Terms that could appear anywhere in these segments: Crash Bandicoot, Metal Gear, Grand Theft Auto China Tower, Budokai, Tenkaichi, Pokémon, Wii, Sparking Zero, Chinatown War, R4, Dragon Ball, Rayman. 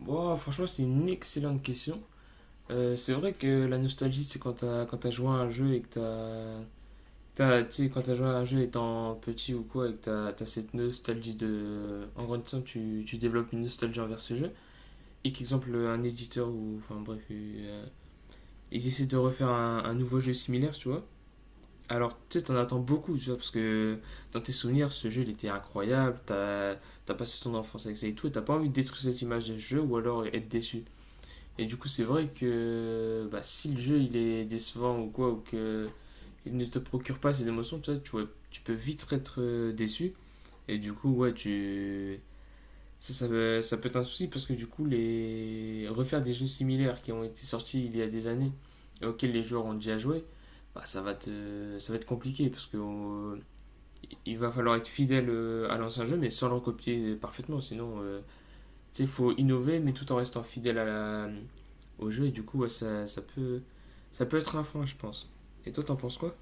Bon, franchement, c'est une excellente question. C'est vrai que la nostalgie, c'est quand t'as joué à un jeu et que tu sais, quand t'as joué à un jeu étant petit ou quoi et que t'as cette nostalgie de en grandissant, tu développes une nostalgie envers ce jeu et qu'exemple un éditeur ou enfin bref, ils essaient de refaire un nouveau jeu similaire, tu vois. Alors, tu sais, t'en attends beaucoup, tu vois, parce que dans tes souvenirs, ce jeu, il était incroyable, t'as passé ton enfance avec ça et tout, et t'as pas envie de détruire cette image de ce jeu ou alors être déçu. Et du coup, c'est vrai que bah, si le jeu il est décevant ou quoi, ou que il ne te procure pas ces émotions, tu peux vite être déçu. Et du coup, ouais, ça peut être un souci parce que du coup, refaire des jeux similaires qui ont été sortis il y a des années et auxquels les joueurs ont déjà joué, bah, ça va être compliqué parce que il va falloir être fidèle à l'ancien jeu, mais sans le recopier parfaitement, sinon sais, il faut innover, mais tout en restant fidèle à au jeu. Et du coup, ouais, ça peut être un frein, je pense. Et toi, t'en penses quoi?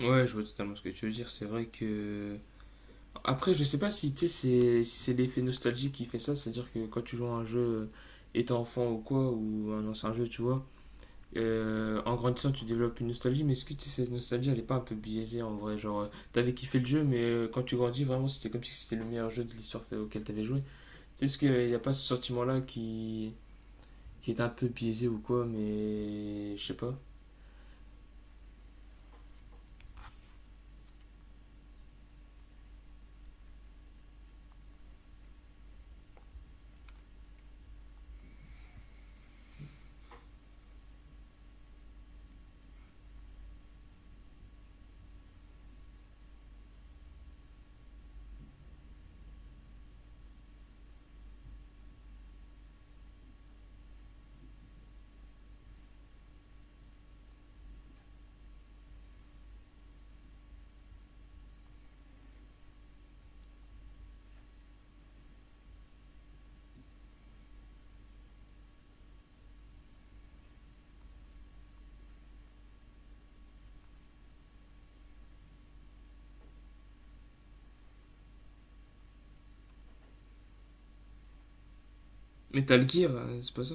Ouais, je vois totalement ce que tu veux dire. C'est vrai que. Après, je sais pas si tu sais, c'est si c'est l'effet nostalgie qui fait ça. C'est-à-dire que quand tu joues à un jeu étant enfant ou quoi, ou un ancien jeu, tu vois, en grandissant, tu développes une nostalgie. Mais est-ce que tu sais, cette nostalgie, elle est pas un peu biaisée en vrai? Genre, t'avais kiffé le jeu, mais quand tu grandis, vraiment, c'était comme si c'était le meilleur jeu de l'histoire auquel t'avais joué. Tu sais, est-ce qu'il n'y a pas ce sentiment-là qui. Qui est un peu biaisé ou quoi, mais je sais pas. Metal Gear, c'est pas ça?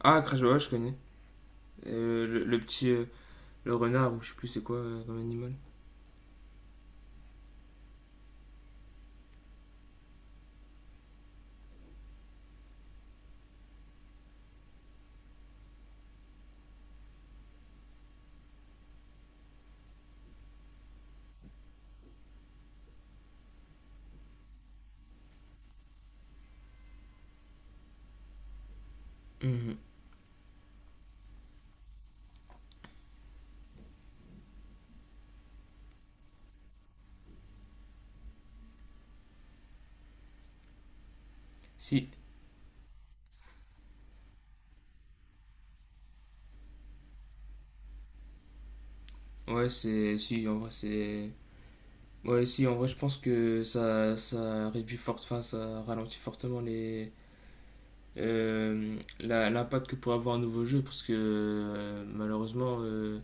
Ah, Crash Bandicoot, je connais. Le petit. Le renard, ou je sais plus c'est quoi comme animal. Mhm. Si. Ouais, c'est. Si, en vrai, c'est. Ouais, si, en vrai, je pense que ça réduit fort. Enfin, ça ralentit fortement les. L'impact que pourrait avoir un nouveau jeu parce que malheureusement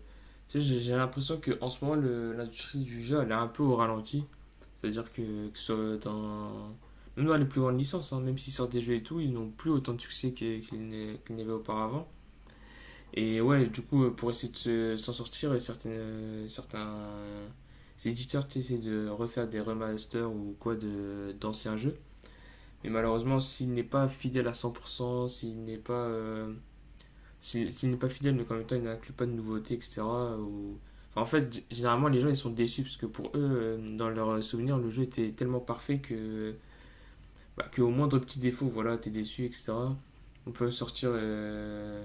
tu sais, j'ai l'impression que en ce moment l'industrie du jeu elle est un peu au ralenti. C'est-à-dire que ce soit dans... Même dans les plus grandes licences, hein, même s'ils sortent des jeux et tout, ils n'ont plus autant de succès qu'ils n'avaient auparavant. Et ouais, du coup, pour essayer de s'en sortir, certains éditeurs tu essaient de refaire des remasters ou quoi de d'anciens jeux. Mais malheureusement, s'il n'est pas fidèle à 100%, s'il n'est pas fidèle, mais qu'en même temps, il n'inclut pas de nouveautés, etc. ou- Enfin, en fait, généralement, les gens, ils sont déçus parce que pour eux, dans leurs souvenirs, le jeu était tellement parfait que bah, que au moindre petit défaut, voilà, t'es déçu, etc. On peut sortir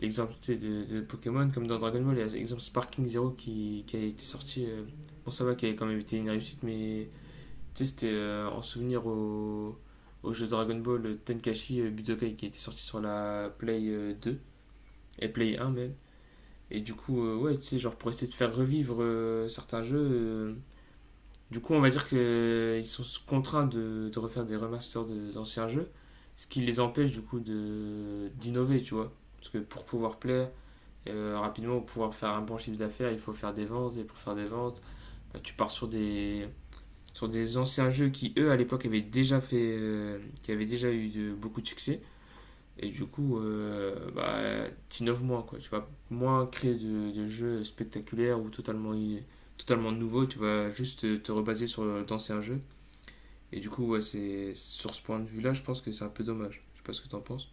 l'exemple de Pokémon, comme dans Dragon Ball, il y a l'exemple Sparking Zero qui a été sorti. Bon, ça va, qui avait quand même été une réussite, mais c'était en souvenir au, au jeu Dragon Ball Tenkaichi Budokai qui a été sorti sur la Play 2 et Play 1 même. Et du coup, ouais, tu sais, genre pour essayer de faire revivre certains jeux, du coup, on va dire qu'ils sont contraints de refaire des remasters d'anciens jeux, ce qui les empêche du coup d'innover, tu vois. Parce que pour pouvoir plaire rapidement, pour pouvoir faire un bon chiffre d'affaires, il faut faire des ventes, et pour faire des ventes, bah, tu pars sur des anciens jeux qui, eux, à l'époque, avaient déjà fait, qui avaient déjà eu beaucoup de succès. Et du coup, bah, t'innoves moins, quoi. Tu vas moins créer de jeux spectaculaires ou totalement nouveaux. Tu vas juste te rebaser sur d'anciens jeux et du coup, ouais, c'est sur ce point de vue-là, je pense que c'est un peu dommage. Je sais pas ce que t'en penses.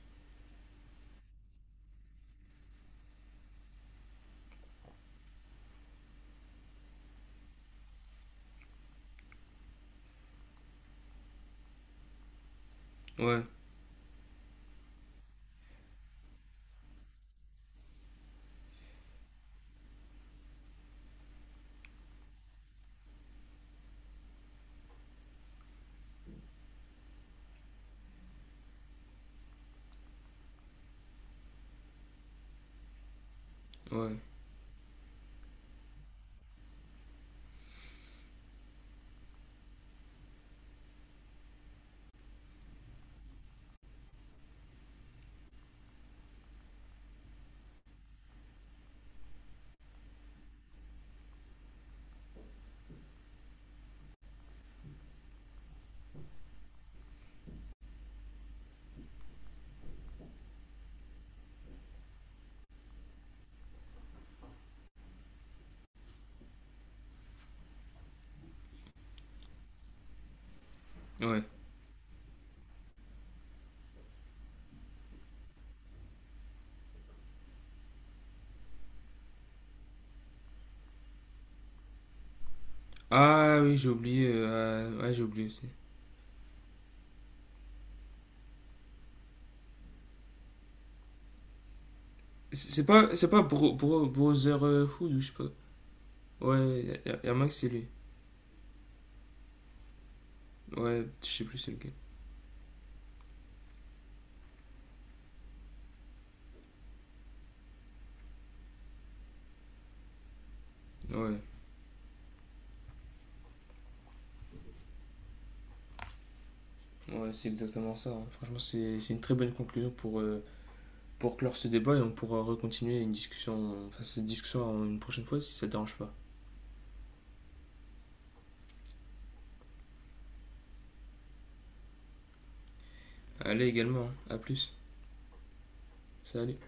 Ouais. Ouais, ouais. Ah oui, j'ai oublié. Ouais, j'ai oublié aussi. C'est pas Brotherhood ou je sais pas. Ouais, y a, y a un que c'est lui. Ouais, je sais plus c'est lequel. Ouais. Ouais, c'est exactement ça. Hein. Franchement, c'est une très bonne conclusion pour clore ce débat et on pourra recontinuer une discussion, enfin cette discussion une prochaine fois si ça te dérange pas. Allez également, hein. À plus. Salut.